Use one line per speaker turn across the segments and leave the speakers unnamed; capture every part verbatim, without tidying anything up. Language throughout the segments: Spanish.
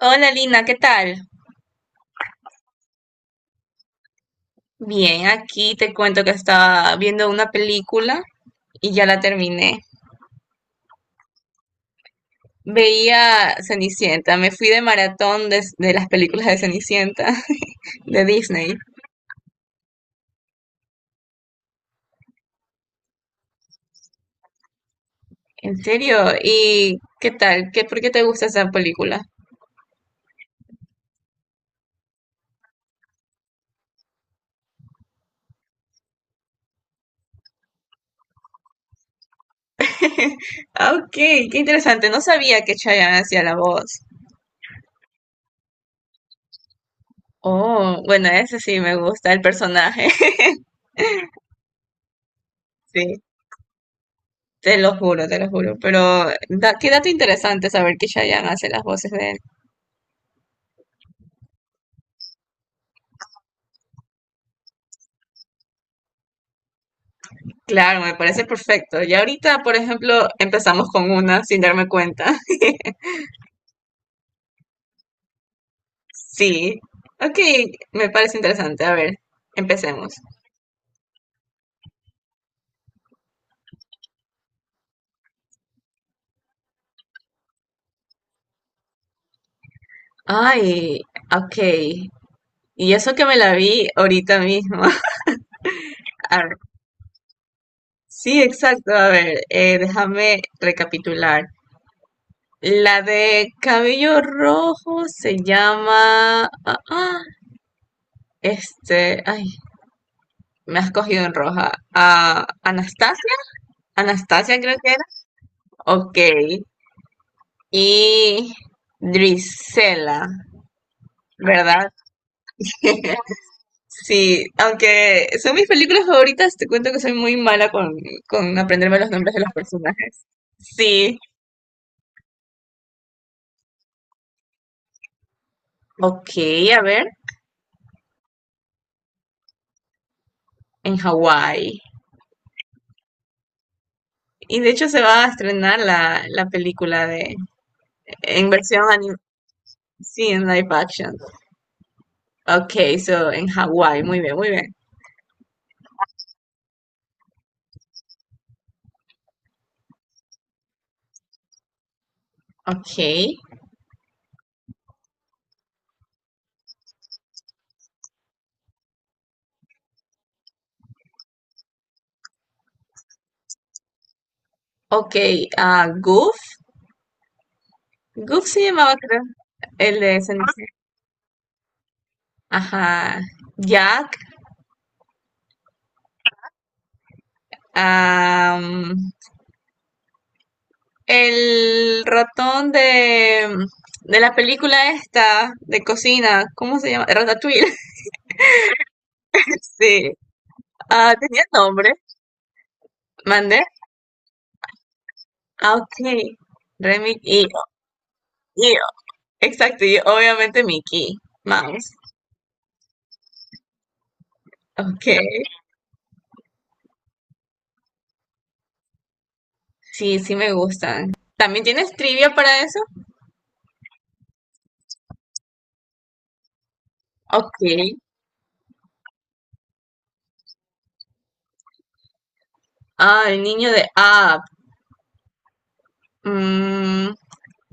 Hola Lina, ¿qué tal? Bien, aquí te cuento que estaba viendo una película y ya la terminé. Veía Cenicienta, me fui de maratón de, de las películas de Cenicienta de Disney. ¿En serio? ¿Y qué tal? ¿Qué, por qué te gusta esa película? Ah, ok, qué interesante. No sabía que Chayanne hacía la voz. Oh, bueno, ese sí me gusta, el personaje. Sí, te lo juro, te lo juro. Pero da- qué dato interesante saber que Chayanne hace las voces de. Claro, me parece perfecto. Ya ahorita, por ejemplo, empezamos con una sin darme cuenta. Sí. Ok, me parece interesante. A ver, empecemos. Ay, ok. Y eso que me la vi ahorita mismo. A ver, sí, exacto. A ver, eh, déjame recapitular. La de cabello rojo se llama... ah, ah, este... Ay, me has cogido en roja. Ah, Anastasia. Anastasia creo que era. Ok. Y Drizella, ¿verdad? Sí, aunque son mis películas favoritas, te cuento que soy muy mala con, con aprenderme los nombres de los personajes. Sí, ok, a ver, en Hawái. Y de hecho se va a estrenar la, la película de. En versión anim Sí, en live action. Ok, so en Hawái, muy bien, muy bien. Ok, ok, ah, Goof. Goof se llamaba, creo, el de Cenicienta. Ajá. Jack. Am, el ratón de, de la película esta de cocina, ¿cómo se llama? Ratatouille, sí. Ah, tenía nombre. Mandé. Ah, ok. Remy y, y- exacto, y obviamente Mickey Mouse. Ok. Sí, sí me gustan. ¿También tienes trivia para eso? Ok. Ah, el niño de Up. Mm,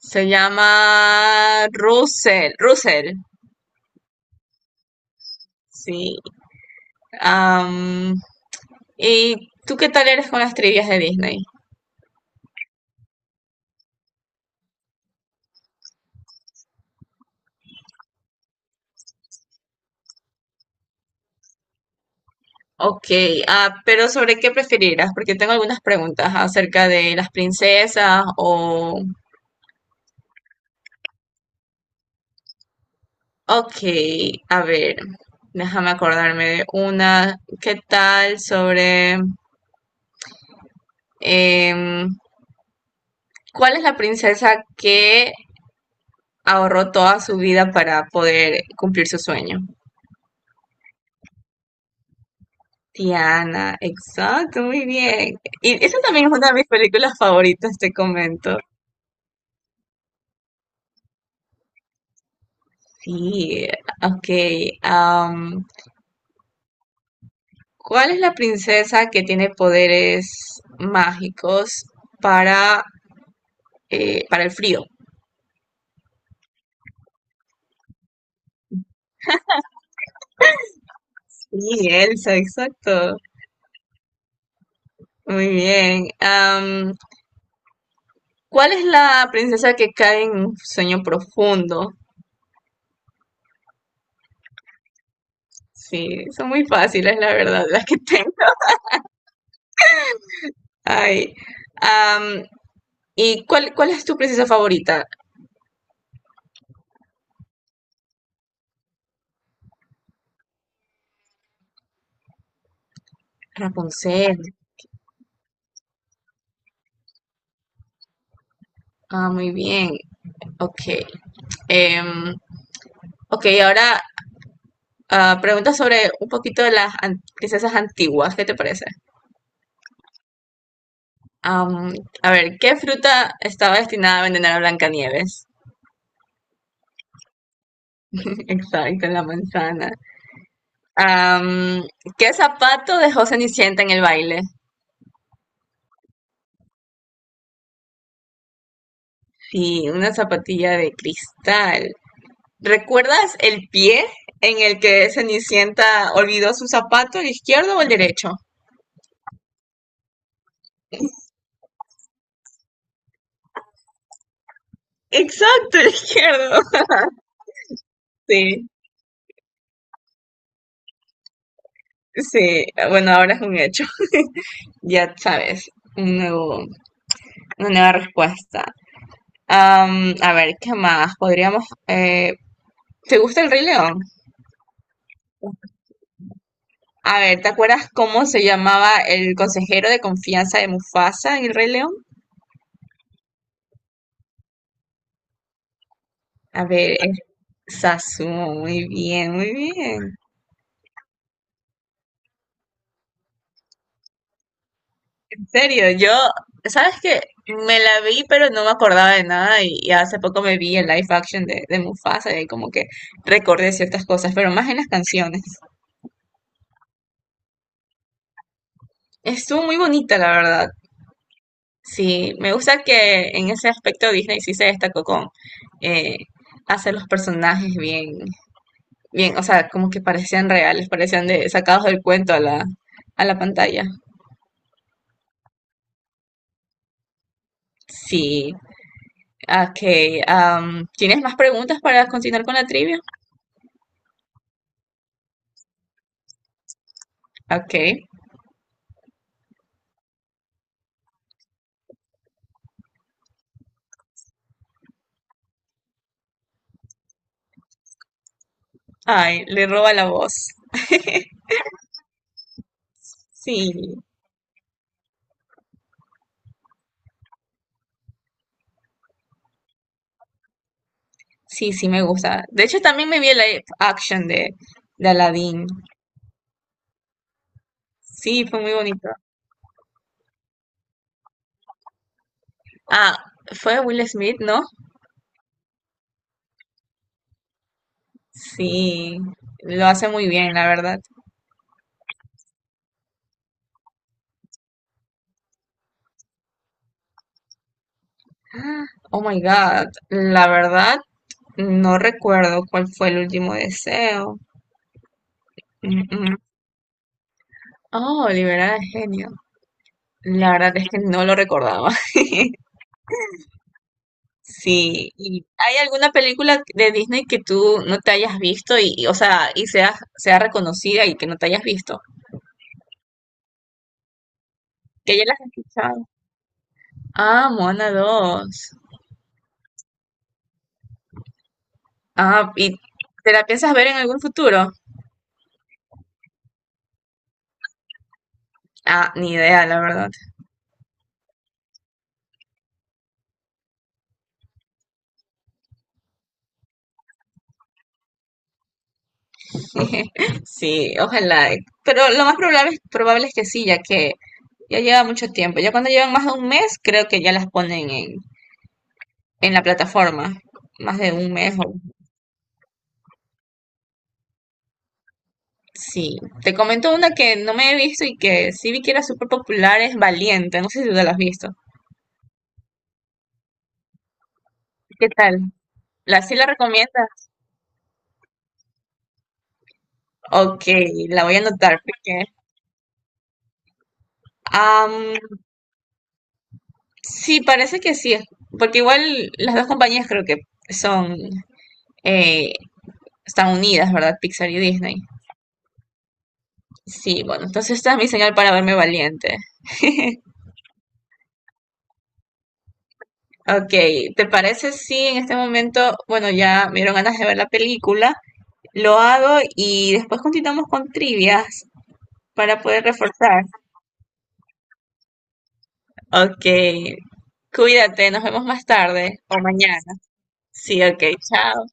se llama Russell. Russell. Sí. Am, ¿y tú qué tal eres con las trivias de Disney? Ok, ah, pero ¿sobre qué preferirás? Porque tengo algunas preguntas acerca de las princesas o... Ok, a ver, déjame acordarme de una. ¿Qué tal sobre... em, ¿cuál es la princesa que ahorró toda su vida para poder cumplir su sueño? Tiana, exacto, muy bien. Y esa también es una de mis películas favoritas, te comento. Sí, ok. am, ¿cuál es la princesa que tiene poderes mágicos para, eh, para el frío? Sí, Elsa, exacto. Muy bien. Am, ¿cuál es la princesa que cae en un sueño profundo? Sí, son muy fáciles, la verdad, las que tengo. Ay. am, ¿y cuál, cuál es tu princesa favorita? Rapunzel. Ah, muy bien. Ok. Em, ok, ahora. Ah, preguntas sobre un poquito de las an- princesas antiguas, ¿qué te parece? Am, a ver, ¿qué fruta estaba destinada a envenenar a Blancanieves? Exacto, la manzana. Am, ¿qué zapato dejó Cenicienta en el baile? Sí, una zapatilla de cristal. ¿Recuerdas el pie en el que Cenicienta olvidó su zapato, el izquierdo o el derecho? Exacto, el izquierdo. Sí, sí, bueno, ahora es un hecho. Ya sabes, un nuevo. Una nueva respuesta. Am, a ver, ¿qué más? Podríamos... eh, ¿te gusta el Rey León? A ver, ¿te acuerdas cómo se llamaba el consejero de confianza de Mufasa en el Rey León? A ver, es. Sasuo, muy bien, muy bien. En serio, yo, ¿sabes qué? Me la vi, pero no me acordaba de nada y, y hace poco me vi el live action de, de Mufasa y como que recordé ciertas cosas, pero más en las canciones. Estuvo muy bonita, la verdad. Sí, me gusta que en ese aspecto Disney sí se destacó con eh, hacer los personajes bien, bien, o sea, como que parecían reales, parecían de, sacados del cuento a la, a la pantalla. Sí, ok. am, ¿tienes más preguntas para continuar con la trivia? Ok. Ay, le roba la voz. Sí, sí, sí, me gusta. De hecho, también me vi el live action de, de Aladdin. Sí, fue muy bonito. Ah, fue Will Smith, ¿no? Sí, lo hace muy bien, la verdad. Ah, Oh my God, la verdad, no recuerdo cuál fue el último deseo. Mm, mm. Oh, liberar al genio. La verdad es que no lo recordaba. Sí, ¿y hay alguna película de Disney que tú no te hayas visto y, y, o sea, y sea, sea reconocida y que no te hayas visto? Que ya las has escuchado. Ah, Moana dos. Ah, ¿y te la piensas ver en algún futuro? Ah, ni idea, la verdad. Sí, ojalá. Pero lo más probable, probable es que sí, ya que ya lleva mucho tiempo. Ya cuando llevan más de un mes, creo que ya las ponen en, en la plataforma. Más de un mes. O- Sí. Te comento una que no me he visto y que sí vi que era súper popular, es Valiente. No sé si tú la has visto. ¿Qué tal? ¿La sí la recomiendas? Ok, la voy a anotar porque... am, sí, parece que sí. Porque igual las dos compañías creo que son... eh, están unidas, ¿verdad? Pixar y Disney. Sí, bueno, entonces esta es mi señal para verme valiente. Ok, ¿te parece si en este momento, bueno, ya me dieron ganas de ver la película, lo hago y después continuamos con trivias para poder reforzar? Ok, cuídate, nos vemos más tarde o mañana. Sí, ok, chao.